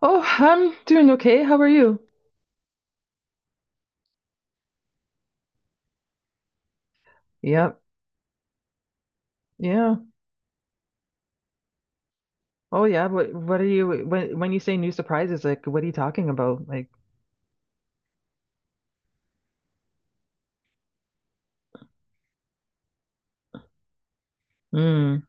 Oh, I'm doing okay. How are you? Yep. Yeah. Oh, yeah. What are you when you say new surprises, like what are you talking about? Like, mm,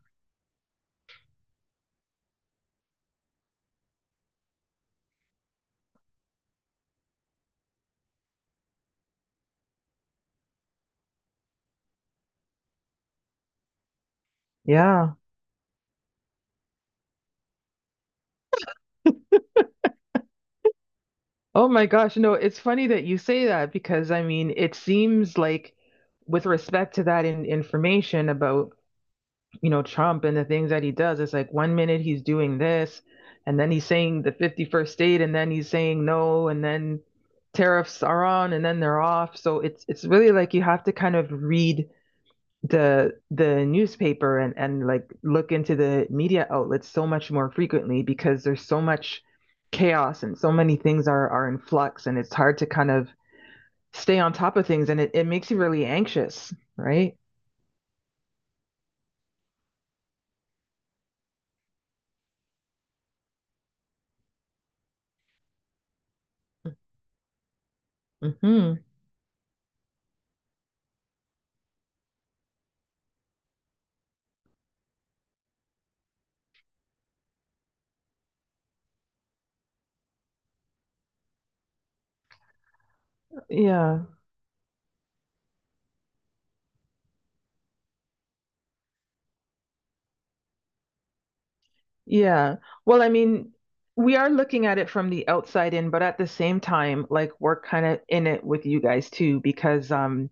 yeah. Oh my gosh, no, it's funny that you say that because I mean, it seems like with respect to that in, information about, you know, Trump and the things that he does, it's like one minute he's doing this and then he's saying the 51st state and then he's saying no and then tariffs are on and then they're off. So it's really like you have to kind of read the newspaper and like look into the media outlets so much more frequently because there's so much chaos and so many things are in flux and it's hard to kind of stay on top of things and it makes you really anxious, right? Hmm. Yeah. Yeah. Well, I mean, we are looking at it from the outside in, but at the same time, like we're kind of in it with you guys too, because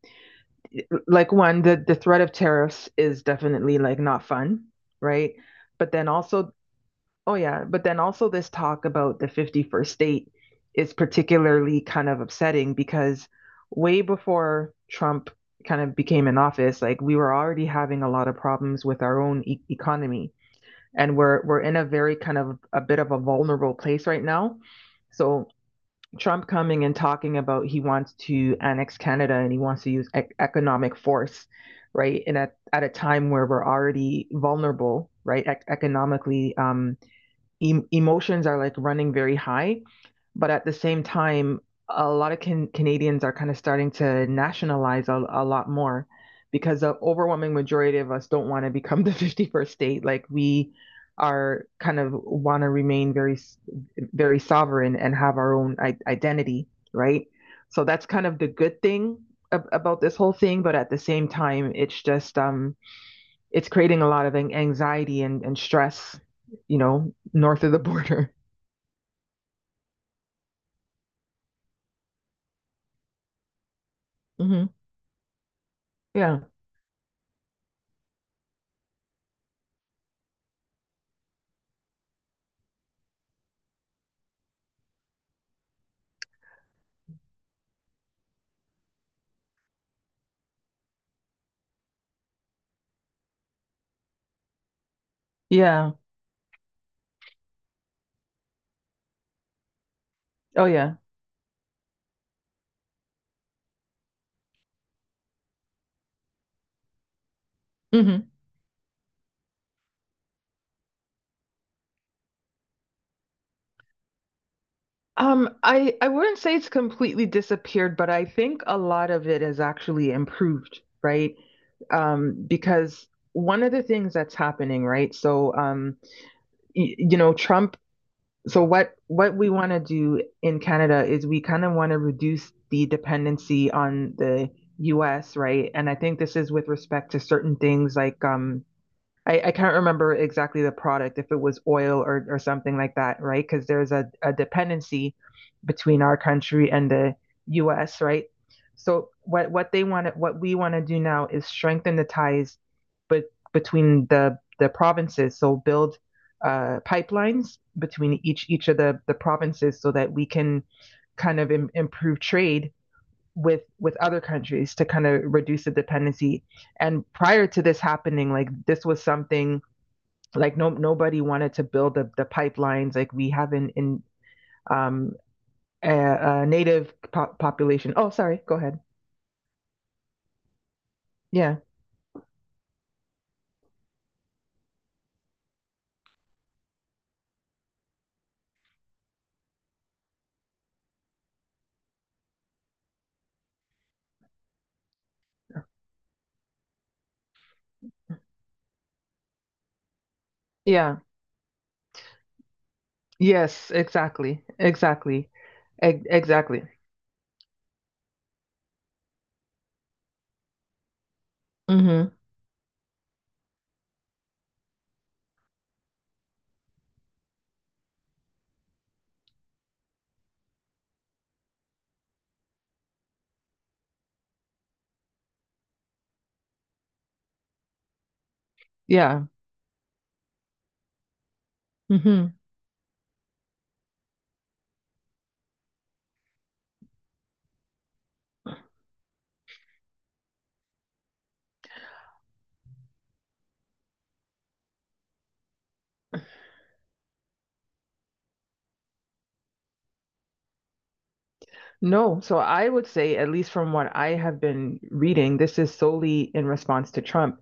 like one, the threat of tariffs is definitely like not fun, right? But then also, oh yeah, but then also this talk about the 51st state is particularly kind of upsetting because way before Trump kind of became in office, like we were already having a lot of problems with our own economy and we're in a very kind of a bit of a vulnerable place right now. So Trump coming and talking about he wants to annex Canada and he wants to use economic force, right? And at a time where we're already vulnerable, right, economically, emotions are like running very high, but at the same time, a lot of Canadians are kind of starting to nationalize a lot more because the overwhelming majority of us don't want to become the 51st state. Like we are kind of want to remain very sovereign and have our own I identity, right? So that's kind of the good thing ab about this whole thing, but at the same time, it's just it's creating a lot of anxiety and stress, you know, north of the border. Hmm. Yeah. Yeah. Oh, yeah. Hmm. I wouldn't say it's completely disappeared, but I think a lot of it has actually improved, right? Because one of the things that's happening, right? So, you know, Trump. So what we want to do in Canada is we kind of want to reduce the dependency on the US, right? And I think this is with respect to certain things like I can't remember exactly the product, if it was oil or something like that, right? Because there's a dependency between our country and the US, right? So what they want what we want to do now is strengthen the ties but between the provinces. So build pipelines between each of the provinces so that we can kind of improve trade with other countries to kind of reduce the dependency, and prior to this happening like this was something like no nobody wanted to build the pipelines like we have in um a native population, oh sorry go ahead. Yeah, yeah, yes exactly exactly. Exactly. Hmm. Yeah. Hmm. No, so I would say at least from what I have been reading this is solely in response to Trump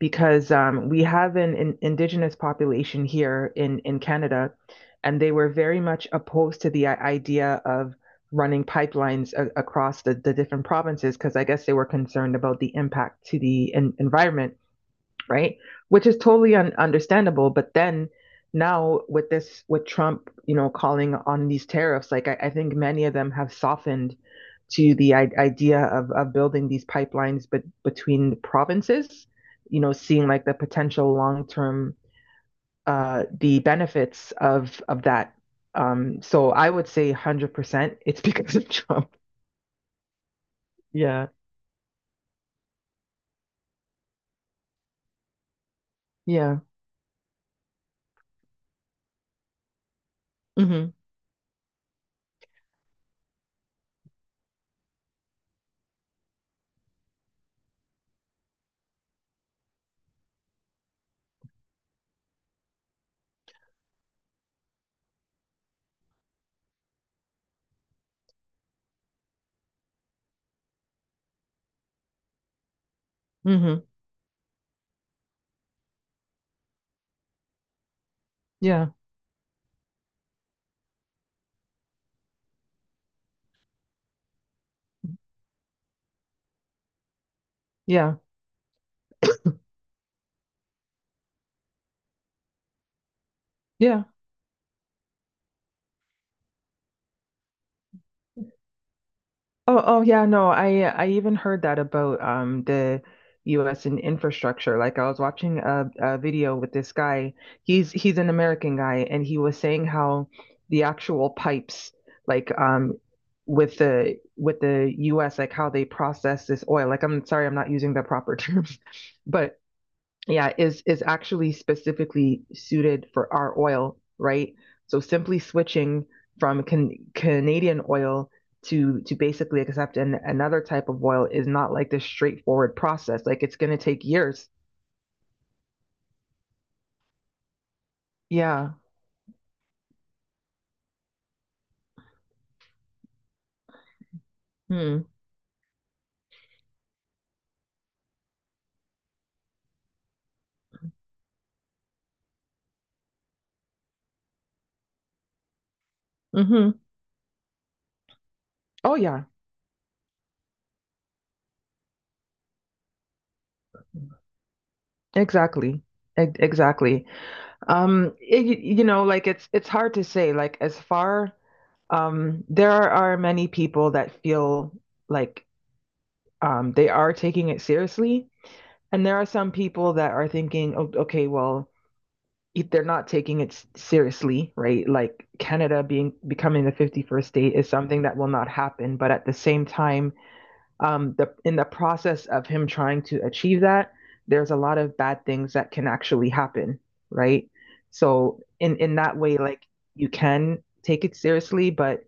because we have an indigenous population here in Canada, and they were very much opposed to the idea of running pipelines across the different provinces because I guess they were concerned about the impact to the environment, right? Which is totally understandable. But then now with this, with Trump, you know, calling on these tariffs, like I think many of them have softened to the idea of building these pipelines, but between the provinces, you know, seeing like the potential long term, the benefits of that. So I would say 100% it's because of Trump. Yeah. Yeah. Hmm. Hmm. Yeah. Yeah. Yeah. Yeah. Oh, oh yeah, no, I even heard that about the US and infrastructure. Like I was watching a video with this guy. He's an American guy and he was saying how the actual pipes like with the US like how they process this oil. Like I'm sorry, I'm not using the proper terms, but yeah is actually specifically suited for our oil, right? So simply switching from Canadian oil to basically accept another type of oil is not like this straightforward process, like it's going to take years. Yeah. Hmm. Hmm. Oh yeah. Exactly. Exactly. Um, it, you know like it's hard to say, like as far there are many people that feel like they are taking it seriously. And there are some people that are thinking, "Oh, okay, well, if they're not taking it seriously, right? Like Canada being becoming the 51st state is something that will not happen." But at the same time, the process of him trying to achieve that, there's a lot of bad things that can actually happen, right? So in that way, like you can take it seriously, but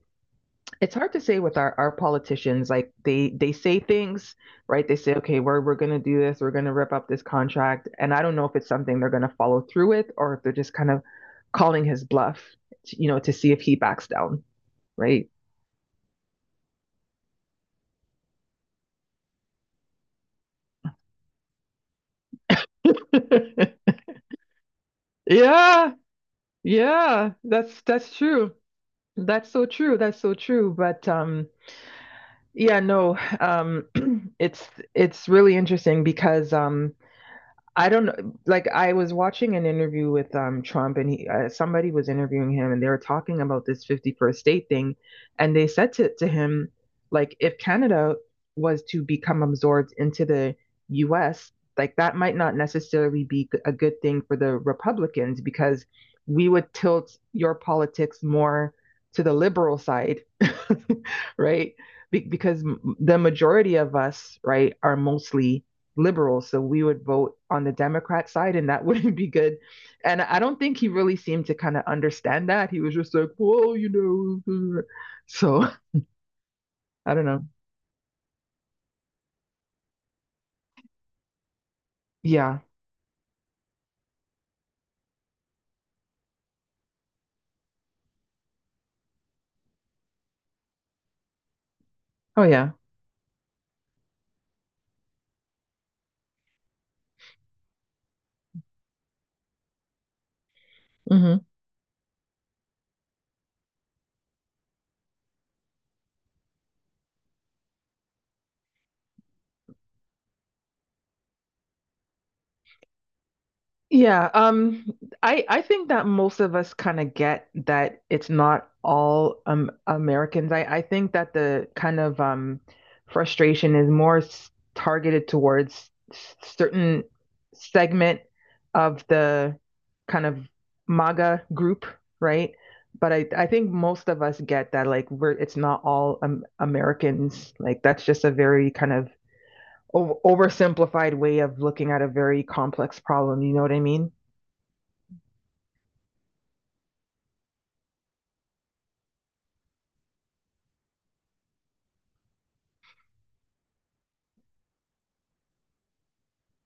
it's hard to say with our politicians, like they say things, right? They say okay we're going to do this, we're going to rip up this contract and I don't know if it's something they're going to follow through with or if they're just kind of calling his bluff to, you know, to see if he backs down, right? Yeah, yeah, that's true. That's so true, that's so true, but yeah no it's it's really interesting because I don't know. Like I was watching an interview with Trump, and he somebody was interviewing him, and they were talking about this 51st state thing, and they said to him, like, if Canada was to become absorbed into the U.S., like that might not necessarily be a good thing for the Republicans because we would tilt your politics more to the liberal side, right? Because the majority of us, right, are mostly Liberals. So we would vote on the Democrat side and that wouldn't be good. And I don't think he really seemed to kind of understand that. He was just like, "Whoa, you know. Uh," so I don't know. Yeah. Oh, yeah. Mm-hmm. Yeah, I think that most of us kind of get that it's not all Americans. I think that the kind of frustration is more targeted towards certain segment of the kind of MAGA group, right? But I think most of us get that like we're it's not all Americans. Like that's just a very kind of oversimplified way of looking at a very complex problem. You know what I mean?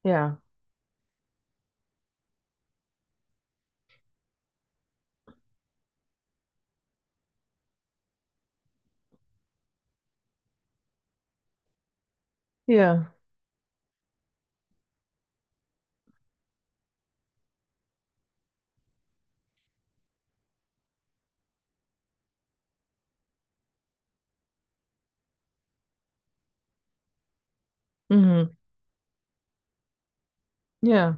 Yeah. Yeah. Hmm. Yeah.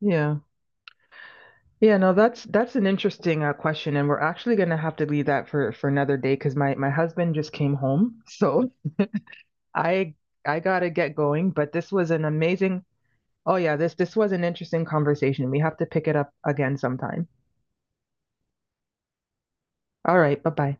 Yeah. Yeah. No, that's an interesting question, and we're actually gonna have to leave that for another day because my husband just came home, so I I gotta get going. But this was an amazing. Oh yeah, this was an interesting conversation. We have to pick it up again sometime. All right. Bye bye.